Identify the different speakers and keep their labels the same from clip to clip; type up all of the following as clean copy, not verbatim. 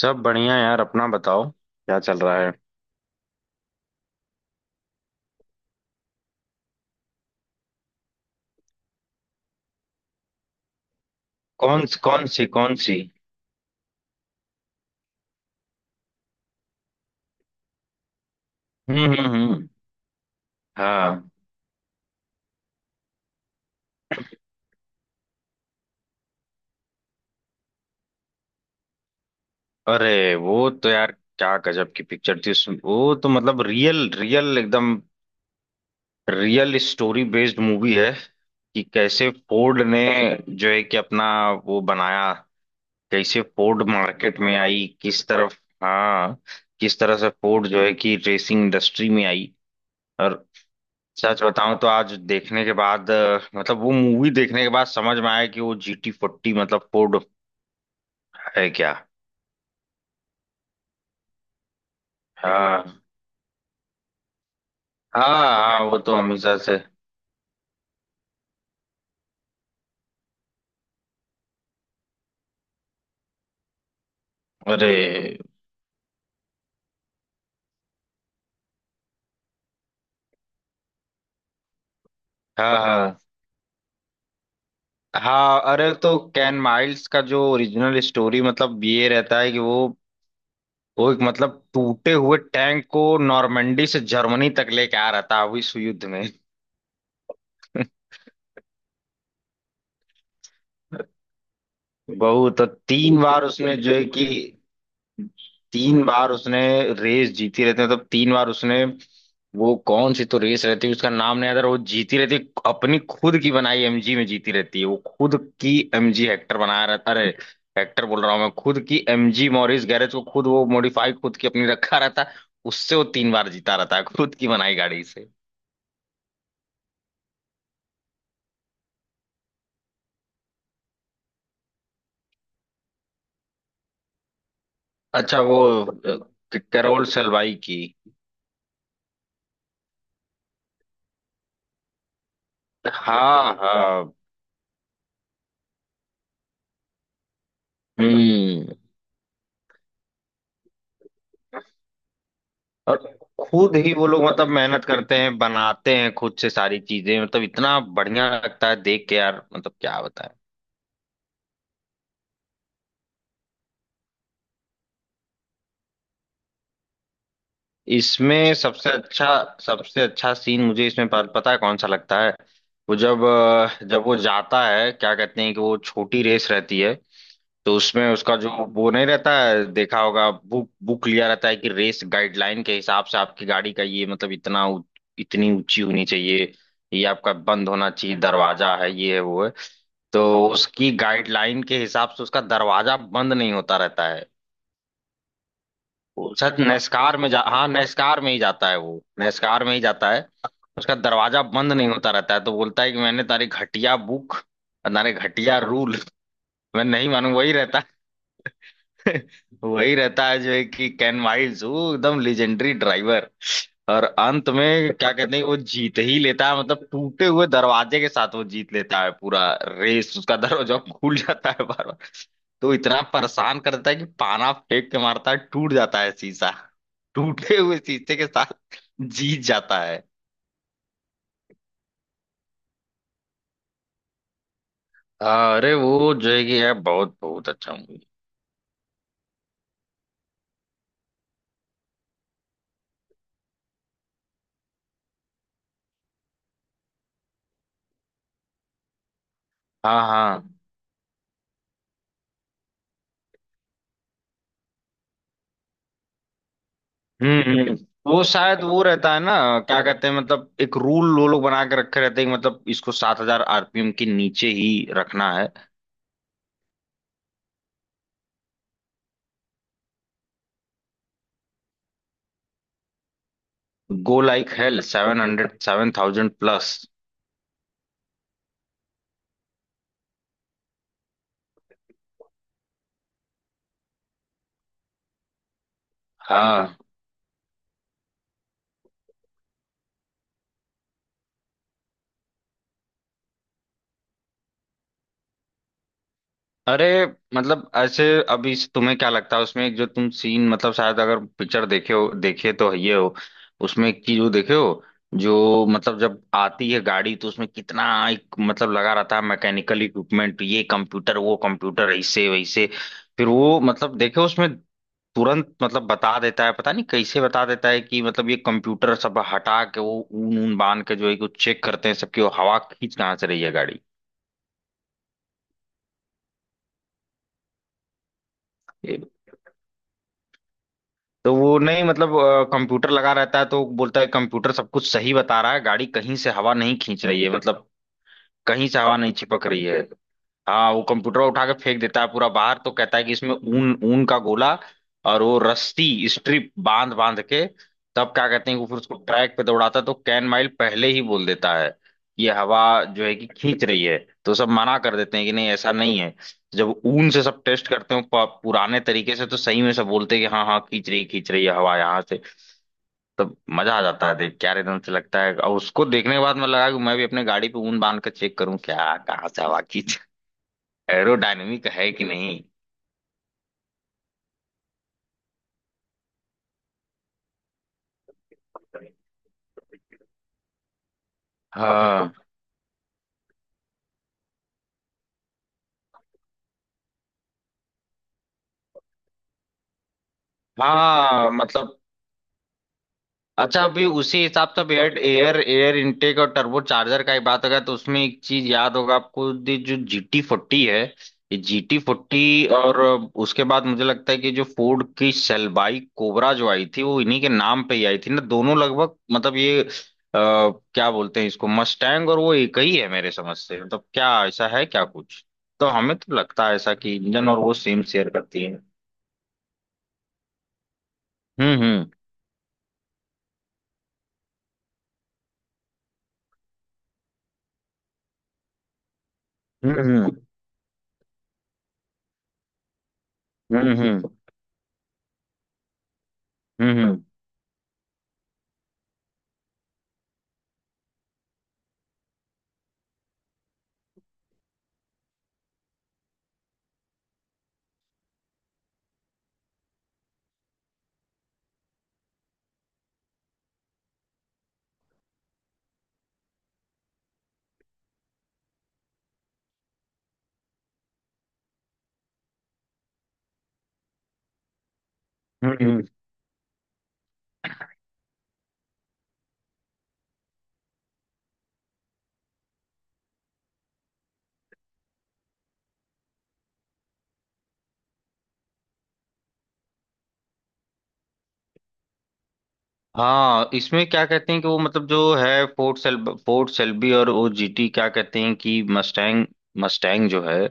Speaker 1: सब बढ़िया यार, अपना बताओ क्या चल रहा है। कौन कौन सी, कौन सी? हम्म, हम्म, हम्म। हाँ। अरे वो तो यार, क्या गजब की पिक्चर थी। उसमें वो तो मतलब रियल रियल, एकदम रियल स्टोरी बेस्ड मूवी है। कि कैसे फोर्ड ने जो है कि अपना वो बनाया, कैसे फोर्ड मार्केट में आई, किस तरफ। हाँ, किस तरह से फोर्ड जो है कि रेसिंग इंडस्ट्री में आई। और सच बताऊं तो आज देखने के बाद, मतलब वो मूवी देखने के बाद समझ में आया कि वो जी टी फोर्टी मतलब फोर्ड है क्या। हाँ हाँ हाँ, वो तो हमेशा से। अरे। हाँ हाँ हाँ, अरे तो कैन माइल्स का जो ओरिजिनल स्टोरी मतलब ये रहता है कि वो एक मतलब टूटे हुए टैंक को नॉर्मंडी से जर्मनी तक लेके आ रहा था अभी इस युद्ध में बहुत, तो तीन बार उसने जो है कि, तीन बार उसने रेस जीती रहती है, मतलब तीन बार उसने, वो कौन सी तो रेस रहती है, उसका नाम नहीं आता, वो जीती रहती है। अपनी खुद की बनाई एमजी में जीती रहती है, वो खुद की एमजी हेक्टर बनाया रहता, अरे हेक्टर बोल रहा हूँ मैं, खुद की एमजी, मॉरिस गैरेज को खुद वो मॉडिफाई खुद की अपनी रखा रहता है। उससे वो तीन बार जीता रहता है खुद की बनाई गाड़ी से। अच्छा वो कैरोल सलवाई की। हाँ हाँ। हम्म। और खुद ही वो लोग मतलब मेहनत करते हैं, बनाते हैं खुद से सारी चीजें, मतलब इतना बढ़िया लगता है देख के यार, मतलब क्या बताएं। इसमें सबसे अच्छा, सबसे अच्छा सीन मुझे इसमें पता है कौन सा लगता है। वो जब, जब वो जाता है, क्या कहते हैं कि वो छोटी रेस रहती है। तो उसमें उसका जो वो नहीं रहता है, देखा होगा, बुक बुक लिया रहता है कि रेस गाइडलाइन के हिसाब से आपकी गाड़ी का ये मतलब इतना इतनी ऊंची होनी चाहिए, ये आपका बंद होना चाहिए दरवाजा, है ये है वो है। तो उसकी गाइडलाइन के हिसाब से उसका दरवाजा बंद नहीं होता रहता है। वो शायद नेस्कार में जा, हाँ नेस्कार में ही जाता है, वो नेस्कार में ही जाता है। उसका दरवाजा बंद नहीं होता रहता है तो बोलता है कि मैंने तारी घटिया बुक, तारे घटिया रूल मैं नहीं मानू वही रहता है। वही रहता है जो है कि कैन वाइल्ड वो एकदम लेजेंडरी ड्राइवर। और अंत में क्या कहते हैं वो जीत ही लेता है, मतलब टूटे हुए दरवाजे के साथ वो जीत लेता है पूरा रेस, उसका दरवाजा खुल जाता है बार बार। तो इतना परेशान करता है कि पाना फेंक के मारता है, टूट जाता है शीशा, टूटे हुए शीशे के साथ जीत जाता है। अरे वो जो है कि यार, बहुत बहुत अच्छा मूवी। हाँ हाँ। हम्म, वो शायद वो रहता है ना, क्या कहते हैं मतलब एक रूल वो लोग बना के रखे रहते हैं कि मतलब इसको सात हजार आरपीएम के नीचे ही रखना है। Go like hell seven hundred seven thousand plus. हाँ। अरे मतलब ऐसे, अभी से तुम्हें क्या लगता है उसमें एक जो तुम सीन, मतलब शायद अगर पिक्चर देखे हो, देखे तो ये हो, उसमें एक चीज वो देखे हो, जो मतलब जब आती है गाड़ी तो उसमें कितना एक मतलब लगा रहता है, मैकेनिकल इक्विपमेंट, ये कंप्यूटर वो कंप्यूटर ऐसे वैसे। फिर वो मतलब देखे हो उसमें तुरंत मतलब बता देता है, पता नहीं कैसे बता देता है कि, मतलब ये कंप्यूटर सब हटा के वो ऊन ऊन बांध के जो है कि वो चेक करते हैं सबकी, वो हवा खींच कहाँ से रही है गाड़ी। तो वो नहीं मतलब, कंप्यूटर लगा रहता है तो वो बोलता है कंप्यूटर सब कुछ सही बता रहा है, गाड़ी कहीं से हवा नहीं खींच रही है, मतलब कहीं से हवा नहीं चिपक रही है। हाँ वो कंप्यूटर उठा के फेंक देता है पूरा बाहर तो कहता है कि इसमें ऊन ऊन का गोला और वो रस्सी स्ट्रिप बांध बांध के, तब क्या कहते हैं कि फिर उसको ट्रैक पे दौड़ाता है तो कैन माइल पहले ही बोल देता है कि ये हवा जो है कि खींच रही है। तो सब मना कर देते हैं कि नहीं ऐसा नहीं है। जब ऊन से सब टेस्ट करते हो पुराने तरीके से तो सही में सब बोलते हैं कि हाँ हाँ खींच रही है हवा यहाँ से। तब मजा आ जाता है देख, क्या एकदम से लगता है। और उसको देखने के बाद मैं लगा कि मैं भी अपने गाड़ी पे ऊन बांध कर चेक करूँ क्या कहाँ से हवा खींच, एरोडायनेमिक है कि नहीं। हाँ हाँ मतलब। अच्छा अभी उसी हिसाब से एयर एयर एयर इनटेक और टर्बो चार्जर का ही बात अगर, तो उसमें एक चीज याद होगा आपको ये जो जी टी फोर्टी है, ये जी टी फोर्टी। और उसके बाद मुझे लगता है कि जो फोर्ड की सेलबाई कोबरा जो आई थी वो इन्हीं के नाम पे ही आई थी ना, दोनों लगभग मतलब ये क्या बोलते हैं इसको मस्टैंग, और वो एक ही है मेरे समझ से, मतलब क्या ऐसा है क्या कुछ। तो हमें तो लगता है ऐसा कि इंजन और वो सेम शेयर करती है। हम्म, हम्म, हम्म, हम्म, हम्म, हम्म, हम्म, हम्म। हाँ इसमें क्या कहते हैं कि वो मतलब जो है, फोर्ट सेल्बी, और वो जीटी क्या कहते हैं कि मस्टैंग, मस्टैंग जो है।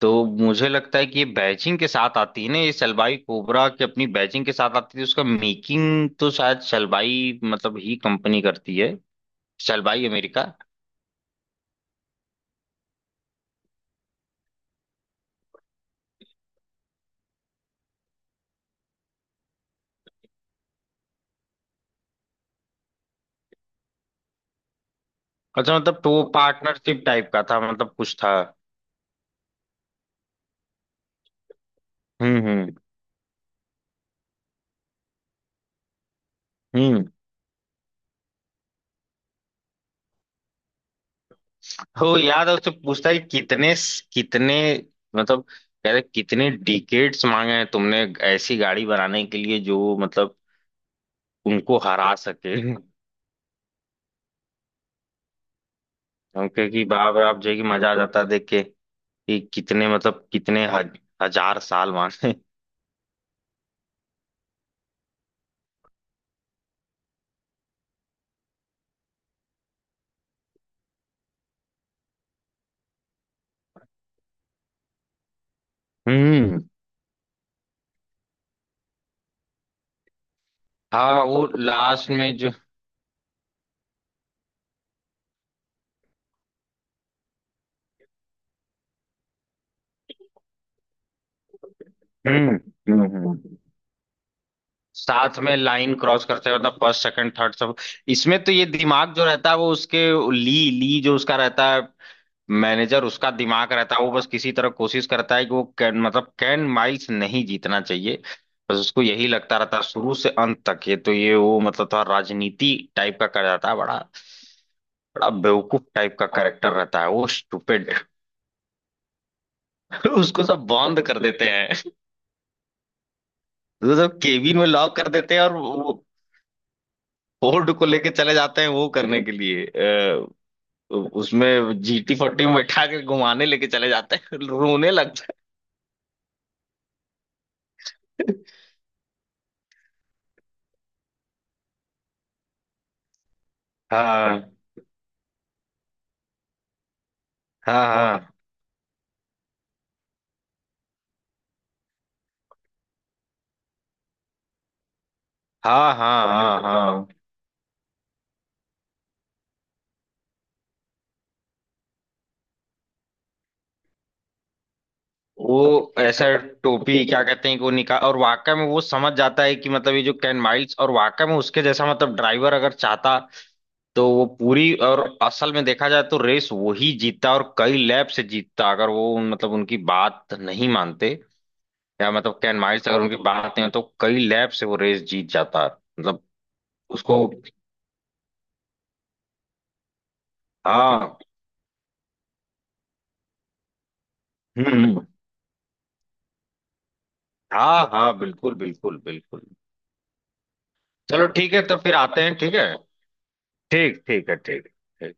Speaker 1: तो मुझे लगता है कि ये बैचिंग के साथ आती है ना, ये सलवाई कोबरा की अपनी बैचिंग के साथ आती है, उसका मेकिंग तो शायद सलवाई मतलब ही कंपनी करती है। Salwai America. अच्छा मतलब तो पार्टनरशिप टाइप का था, मतलब कुछ था। हम्म, हम्म, हम्म। हो याद है उससे पूछता है कि कितने, कितने, मतलब कह रहे कितने डिकेट्स मांगे हैं तुमने ऐसी गाड़ी बनाने के लिए जो मतलब उनको हरा सके। हम कहे कि बाप रे बाप जो है कि मजा आ जाता है देख के, कि कितने मतलब कितने हजार साल मांगे। हम्म। हाँ वो लास्ट में जो। हम्म, हम्म, हम्म। साथ में लाइन क्रॉस करते हैं मतलब फर्स्ट सेकंड थर्ड सब। इसमें तो ये दिमाग जो रहता है वो उसके, ली, ली जो उसका रहता है मैनेजर, उसका दिमाग रहता है वो, बस किसी तरह कोशिश करता है कि वो कैन मतलब कैन माइल्स नहीं जीतना चाहिए। बस उसको यही लगता रहता है शुरू से अंत तक, ये तो ये वो मतलब थोड़ा राजनीति टाइप का कर जाता है बड़ा। बड़ा बेवकूफ टाइप का कैरेक्टर रहता है वो, स्टूपिड। उसको सब बंद कर देते हैं। उसको सब केबिन में लॉक कर देते हैं और वो फोर्ड को लेके चले जाते हैं वो करने के लिए, उसमें जीटी फोर्टी में बैठा के घुमाने लेके चले जाते हैं, रोने लगता है। हाँ हाँ हाँ हाँ हाँ हाँ हाँ। वो ऐसा टोपी क्या कहते हैं कि वो निकाल, और वाकई में वो समझ जाता है कि मतलब ये जो कैन माइल्स, और वाकई में उसके जैसा मतलब ड्राइवर अगर चाहता, तो वो पूरी, और असल में देखा जाए तो रेस वही जीतता और कई लैप से जीतता, अगर वो मतलब उनकी बात नहीं मानते। या मतलब कैन माइल्स अगर उनकी बात नहीं मानते, तो कई लैप से वो रेस जीत जाता। मतलब उसको। हाँ। हम्म, हाँ हाँ, बिल्कुल बिल्कुल बिल्कुल। चलो ठीक है तो फिर आते हैं, ठीक है। ठीक, ठीक है, ठीक, ठीक।